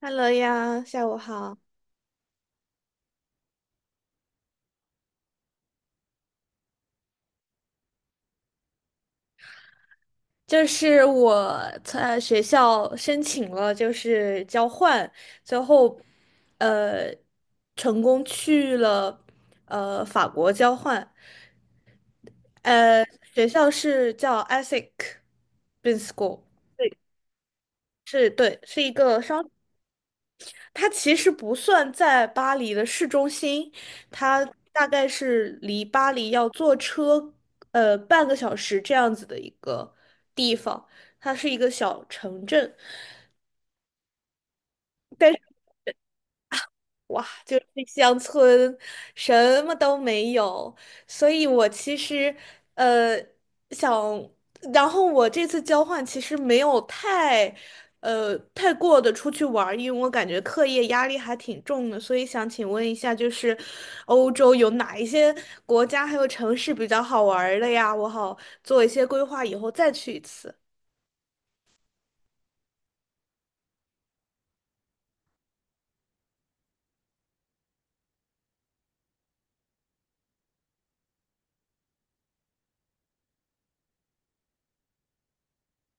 h e 呀，下午好。就是我在学校申请了，就是交换，最后呃成功去了法国交换。呃，学校是叫 ESSEC b u s i n e s School，对，是一个商。它其实不算在巴黎的市中心，它大概是离巴黎要坐车半个小时这样子的一个地方，它是一个小城镇。哇，就是乡村，什么都没有，所以我其实呃想，然后我这次交换其实没有太过的出去玩儿因为我感觉课业压力还挺重的，所以想请问一下，就是欧洲有哪一些国家还有城市比较好玩儿的呀？我好做一些规划，以后再去一次。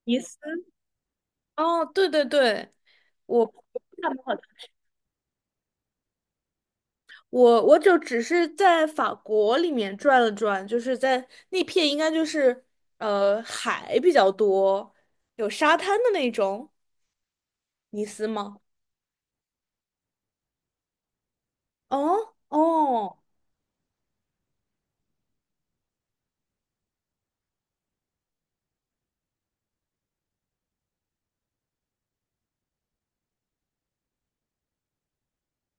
尼斯。哦，对对对，我。我就只是在法国里面转了转，就是在那片应该就是海比较多，有沙滩的那种，尼斯吗？哦哦，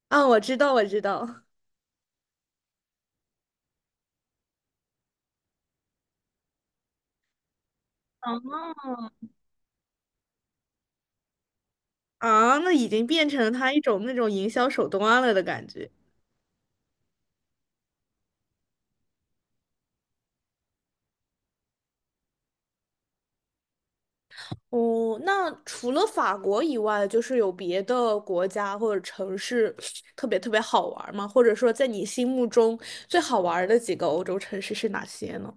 啊，我知道我知道，啊，那已经变成了它一种那种营销手段了的感觉。哦，那除了法国以外，就是有别的国家或者城市特别特别好玩吗？或者说，在你心目中最好玩的几个欧洲城市是哪些呢？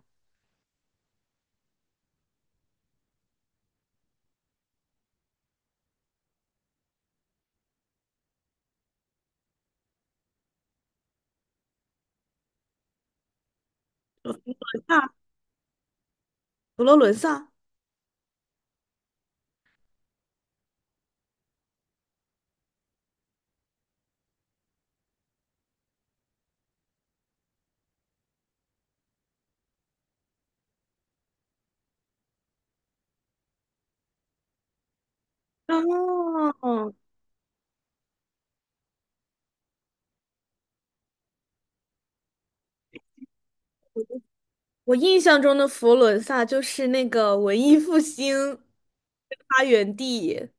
佛罗伦萨，哦，我印象中的佛罗伦萨就是那个文艺复兴发源地，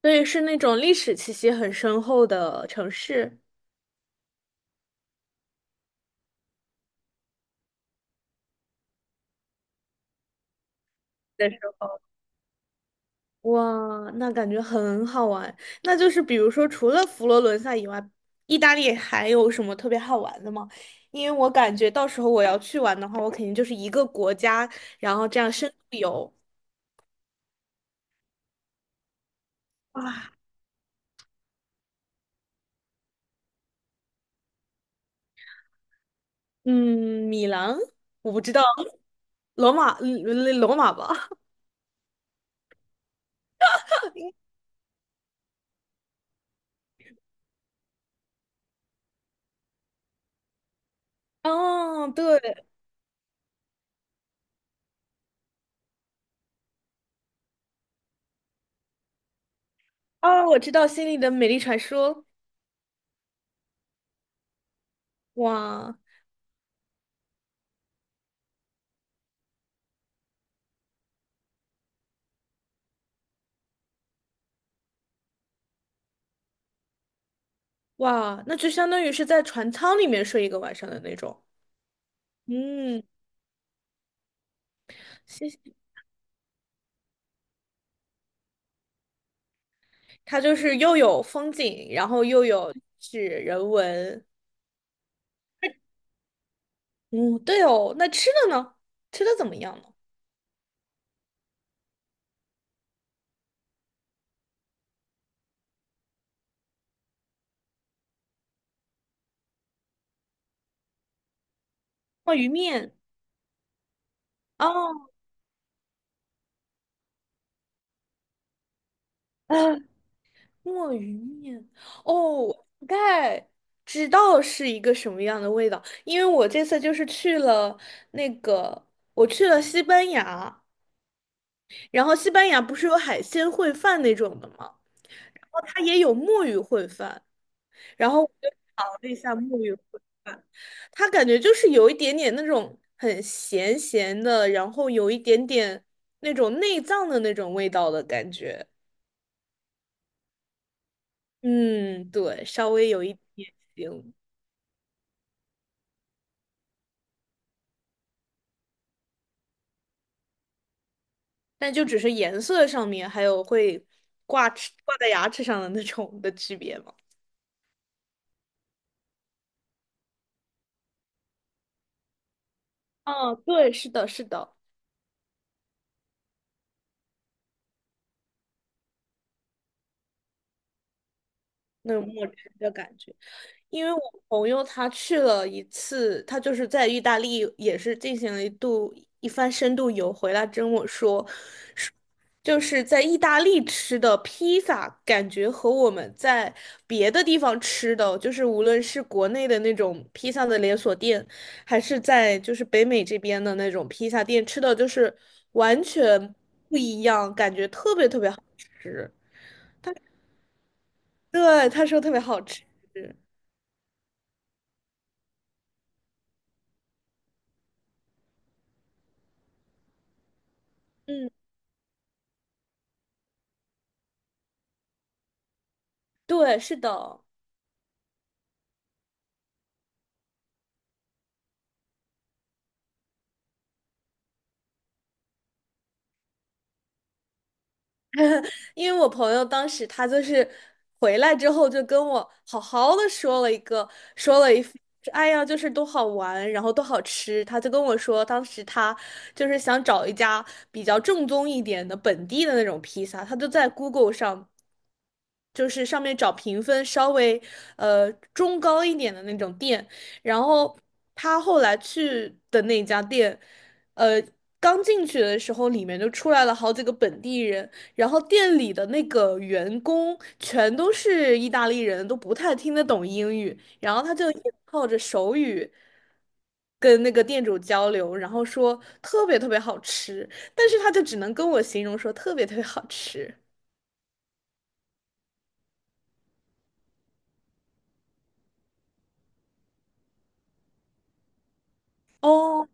所以是那种历史气息很深厚的城市。的时候，哇，那感觉很好玩。那就是比如说，除了佛罗伦萨以外，意大利还有什么特别好玩的吗？因为我感觉到时候我要去玩的话，我肯定就是一个国家，然后这样深度游。哇。嗯，米兰，我不知道，罗马，罗马吧？哦，对，哦，我知道《心里的美丽传说》。哇哇，那就相当于是在船舱里面睡一个晚上的那种。嗯，谢谢。它就是又有风景，然后是人文。嗯，对哦。那吃的呢？吃的怎么样呢？哦，鱼面。哦，啊墨鱼面，哦，我大概知道是一个什么样的味道，因为我这次就是去了那个，我去了西班牙，然后西班牙不是有海鲜烩饭那种的吗？然后它也有墨鱼烩饭，然后我就尝了一下墨鱼烩饭，它感觉就是有一点点那种很咸咸的，然后有一点点那种内脏的那种味道的感觉。嗯，对，稍微有一点腥。但就只是颜色上面，还有会挂在牙齿上的那种的区别嘛。哦，对，是的，是的，那种墨汁的感觉。因为我朋友他去了一次，他就是在意大利也是进行了一番深度游，回来跟我说，就是在意大利吃的披萨，感觉和我们在别的地方吃的，就是无论是国内的那种披萨的连锁店，还是在就是北美这边的那种披萨店吃的，就是完全不一样，感觉特别特别好吃。对，他说特别好吃。嗯，对，是的。因为我朋友当时他就是回来之后就跟我好好的说了一个，说了一，哎呀，就是多好玩，然后多好吃。他就跟我说，当时他就是想找一家比较正宗一点的本地的那种披萨，他就在 Google 上，就是上面找评分稍微中高一点的那种店，然后他后来去的那家店，呃，刚进去的时候里面就出来了好几个本地人。然后店里的那个员工全都是意大利人，都不太听得懂英语，然后他就也靠着手语跟那个店主交流，然后说特别特别好吃，但是他就只能跟我形容说特别特别好吃。哦，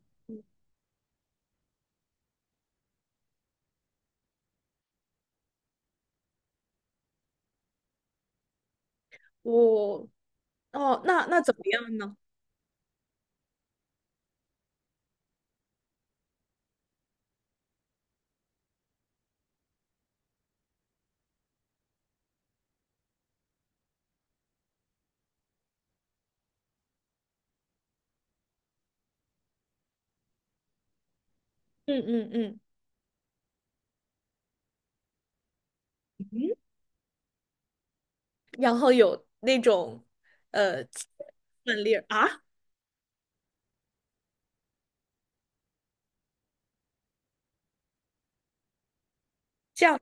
我哦，那怎么样呢？嗯嗯嗯，然后有那种呃饭粒儿啊。这样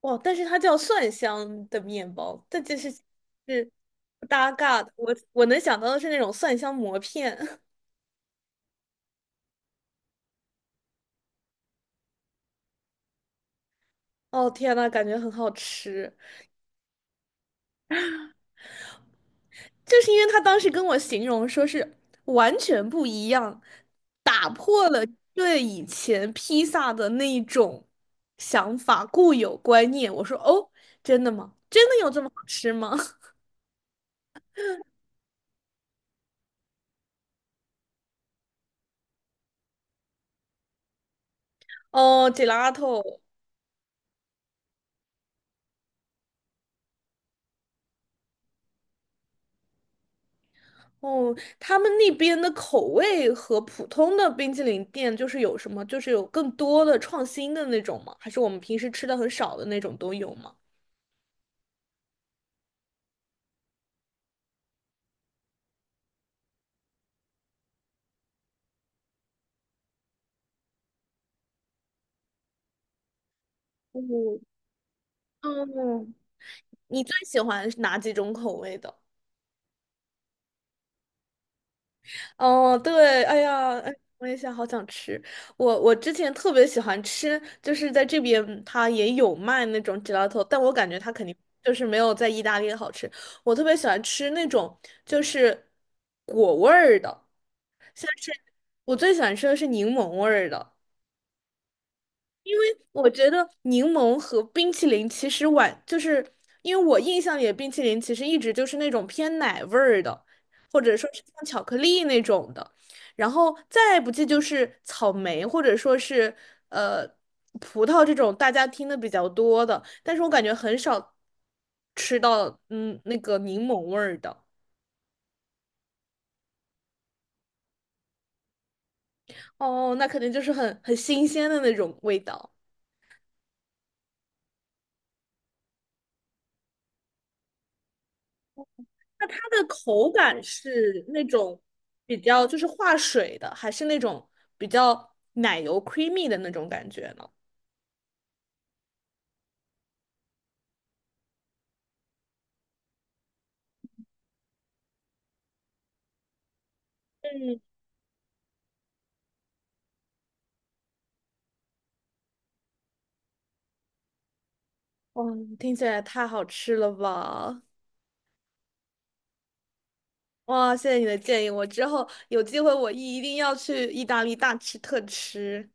哇，但是它叫蒜香的面包，但这是不搭嘎的。我能想到的是那种蒜香馍片。哦天呐，感觉很好吃。就是因为他当时跟我形容说是完全不一样，打破了对以前披萨的那一种固有观念。我说哦，真的吗？真的有这么好吃吗？哦，gelato。哦，他们那边的口味和普通的冰淇淋店就是有什么，就是有更多的创新的那种吗？还是我们平时吃的很少的那种都有吗？嗯，嗯，你最喜欢是哪几种口味的？哦，对，哎呀，哎，我也想，好想吃。我之前特别喜欢吃，就是在这边它也有卖那种 gelato，但我感觉它肯定就是没有在意大利好吃。我特别喜欢吃那种就是果味儿的。我最喜欢吃的是柠檬味儿的。我觉得柠檬和冰淇淋其实晚，就是因为我印象里的冰淇淋其实一直就是那种偏奶味儿的，或者说是像巧克力那种的，然后再不济就是草莓或者说是呃葡萄这种大家听的比较多的，但是我感觉很少吃到那个柠檬味儿的。哦，那肯定就是很新鲜的那种味道。那它的口感是那种比较就是化水的，还是那种比较奶油 creamy 的那种感觉呢？嗯，哇，听起来太好吃了吧！哇，谢谢你的建议，我之后有机会我一定要去意大利大吃特吃。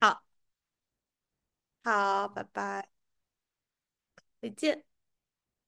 好，好，拜拜，再见。